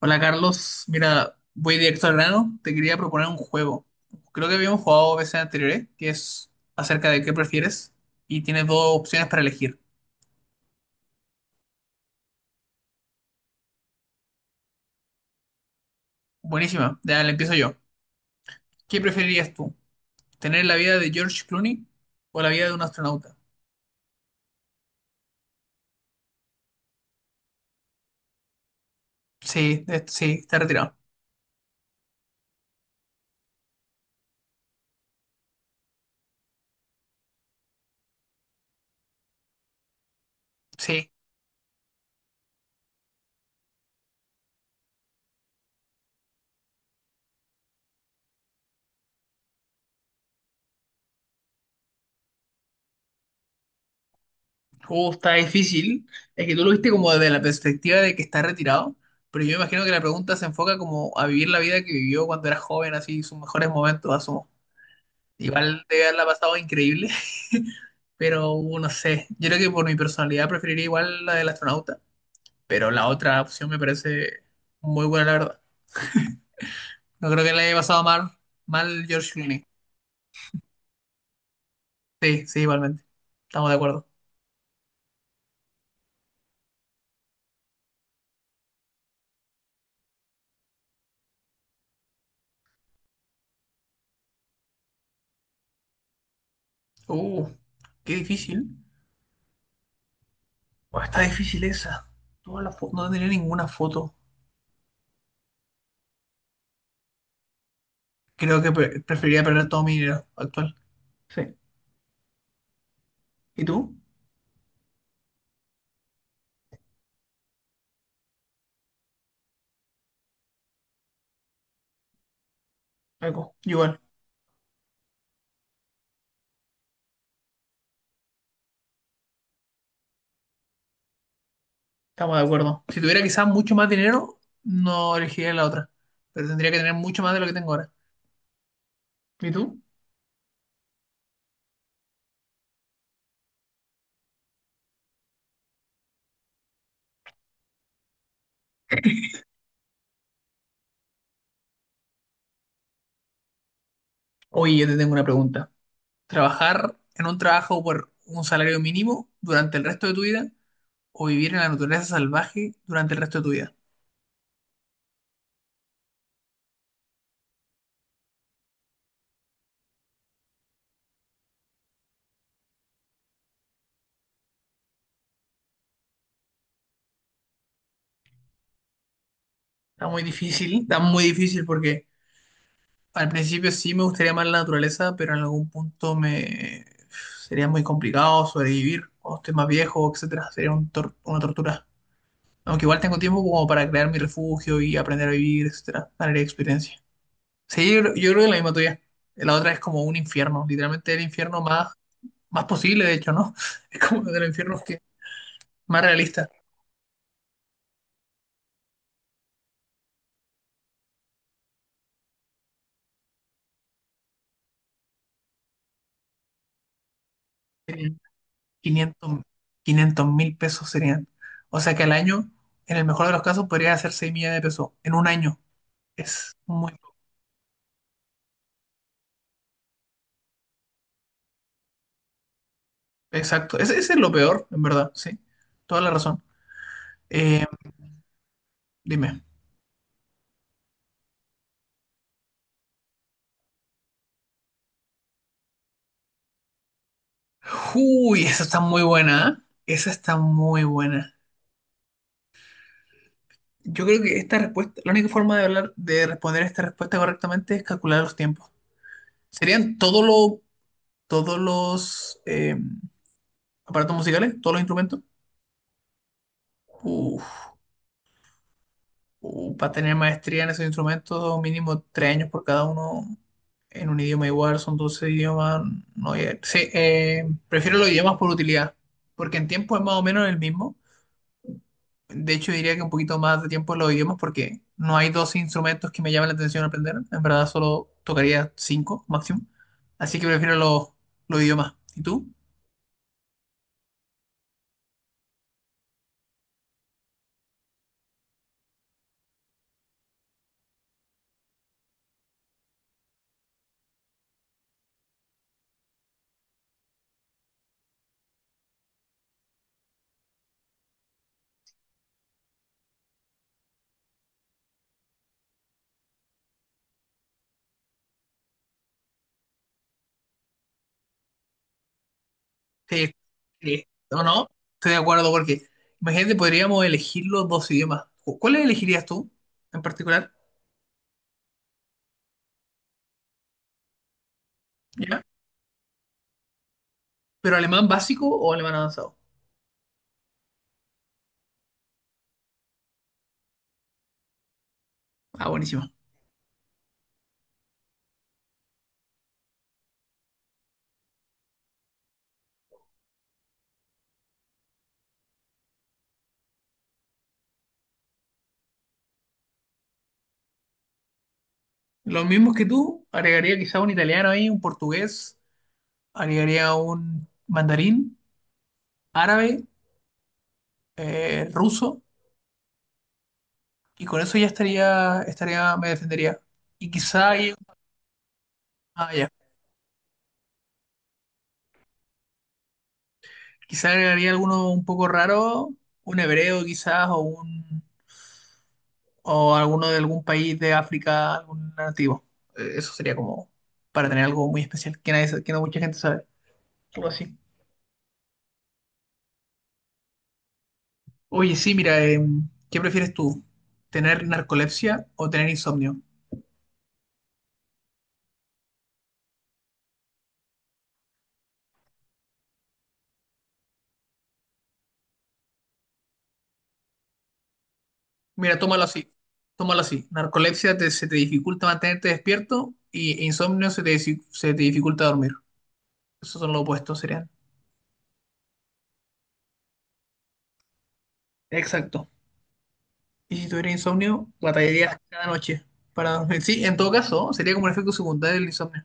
Hola Carlos, mira, voy directo al grano. Te quería proponer un juego. Creo que habíamos jugado veces anteriores, que es acerca de qué prefieres y tienes dos opciones para elegir. Buenísima, ya le empiezo yo. ¿Qué preferirías tú? ¿Tener la vida de George Clooney o la vida de un astronauta? Sí, sí, está retirado. Sí, Está difícil. Es que tú lo viste como desde la perspectiva de que está retirado, pero yo imagino que la pregunta se enfoca como a vivir la vida que vivió cuando era joven, así sus mejores momentos, asumo. Igual debe haberla pasado increíble, pero no sé. Yo creo que por mi personalidad preferiría igual la del astronauta, pero la otra opción me parece muy buena, la verdad. No creo que la haya pasado mal, George Clooney. Sí, sí, igualmente. Estamos de acuerdo. Uh, qué difícil. Buah, está difícil esa. No tenía ninguna foto. Creo que preferiría perder todo mi dinero actual. Sí. ¿Y tú? Algo. Igual. Estamos de acuerdo. Si tuviera quizás mucho más dinero, no elegiría la otra. Pero tendría que tener mucho más de lo que tengo ahora. ¿Y tú? Oye, yo te tengo una pregunta. ¿Trabajar en un trabajo por un salario mínimo durante el resto de tu vida o vivir en la naturaleza salvaje durante el resto de tu vida? Está muy difícil porque al principio sí me gustaría más la naturaleza, pero en algún punto me sería muy complicado sobrevivir cuando esté más viejo, etcétera. Sería una tortura. Aunque igual tengo tiempo como para crear mi refugio y aprender a vivir, etcétera, ganar experiencia. Sí, yo creo que la misma tuya. La otra es como un infierno, literalmente el infierno más posible, de hecho, ¿no? Es como uno de los infiernos que más realista. 500, 500 mil pesos serían. O sea que al año, en el mejor de los casos, podría hacer 6 millones de pesos. En un año. Es muy poco. Exacto. Ese es lo peor, en verdad, sí. Toda la razón. Eh, dime. Uy, esa está muy buena, ¿eh? Esa está muy buena. Yo creo que esta respuesta, la única forma de hablar, de responder esta respuesta correctamente es calcular los tiempos. ¿Serían todos los aparatos musicales, todos los instrumentos? Uf, para tener maestría en esos instrumentos, mínimo 3 años por cada uno en un idioma igual, son 12 idiomas. No, sí, prefiero los idiomas por utilidad, porque en tiempo es más o menos el mismo. De hecho, diría que un poquito más de tiempo en los idiomas porque no hay dos instrumentos que me llamen la atención aprender. En verdad, solo tocaría cinco máximo. Así que prefiero los idiomas. ¿Y tú? Sí, sí. ¿O no? Estoy de acuerdo porque, imagínate, podríamos elegir los dos idiomas. ¿Cuál elegirías tú en particular? ¿Ya? ¿Pero alemán básico o alemán avanzado? Ah, buenísimo. Los mismos que tú, agregaría quizá un italiano ahí, un portugués, agregaría un mandarín, árabe, ruso. Y con eso ya estaría, me defendería. Y quizá, ah, ya, quizá agregaría alguno un poco raro, un hebreo quizás, o alguno de algún país de África, algún nativo. Eso sería como para tener algo muy especial que, nadie, sa- que no mucha gente sabe. Algo así. Oye, sí, mira, ¿qué prefieres tú? ¿Tener narcolepsia o tener insomnio? Mira, tómalo así. Tómalo así. Narcolepsia se te dificulta mantenerte despierto e insomnio se te dificulta dormir. Esos son los opuestos, serían. Exacto. Y si tuviera insomnio, batallarías cada noche para dormir. Sí, en todo caso, sería como un efecto secundario del insomnio.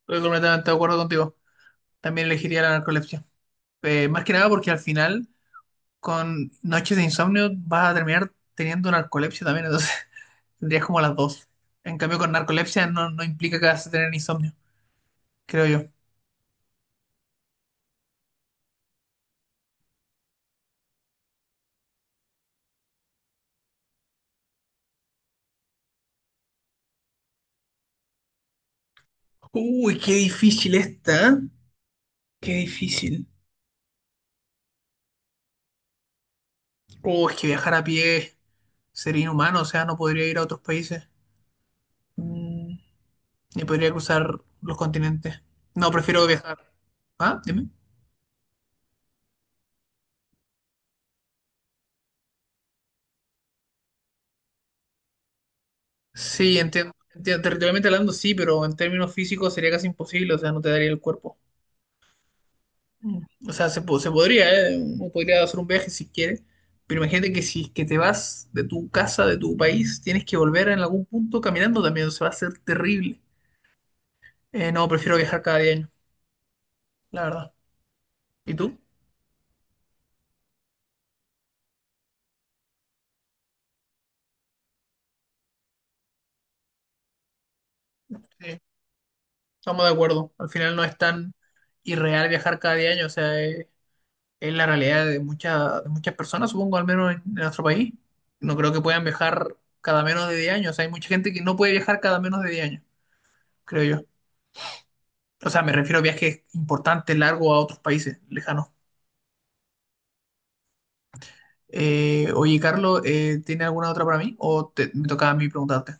Estoy completamente de acuerdo contigo. También elegiría la narcolepsia. Más que nada porque al final, con noches de insomnio, vas a terminar teniendo narcolepsia también. Entonces, tendrías como las dos. En cambio, con narcolepsia no, no implica que vas a tener insomnio, creo yo. Uy, qué difícil esta. ¿Eh? Qué difícil. Uy, es que viajar a pie sería inhumano. O sea, no podría ir a otros países. Mm, y podría cruzar los continentes. No, prefiero viajar. ¿Ah? Dime. Sí, entiendo. Territorialmente hablando, sí, pero en términos físicos sería casi imposible, o sea, no te daría el cuerpo. Mm. O sea, se podría, ¿eh? Uno podría hacer un viaje si quiere, pero imagínate que si es que te vas de tu casa, de tu país, tienes que volver en algún punto caminando también, se va a ser terrible. No, prefiero viajar cada 10 la verdad. ¿Y tú? Sí, estamos de acuerdo. Al final no es tan irreal viajar cada 10 años, o sea, es la realidad de muchas personas, supongo, al menos en nuestro país. No creo que puedan viajar cada menos de 10 años. O sea, hay mucha gente que no puede viajar cada menos de 10 años, creo yo. O sea, me refiero a viajes importantes, largos a otros países lejanos. Oye, Carlos, ¿tiene alguna otra para mí? ¿O me tocaba a mí preguntarte?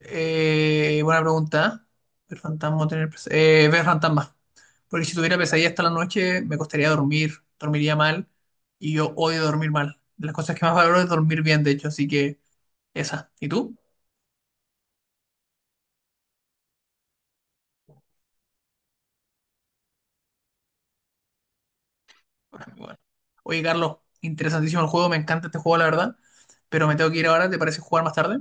Buena pregunta. Ver fantasmas. Porque si tuviera pesadillas hasta la noche, me costaría dormir, dormiría mal. Y yo odio dormir mal. De las cosas que más valoro es dormir bien, de hecho. Así que esa. ¿Y tú? Bueno, igual. Oye, Carlos, interesantísimo el juego, me encanta este juego, la verdad. Pero me tengo que ir ahora, ¿te parece jugar más tarde?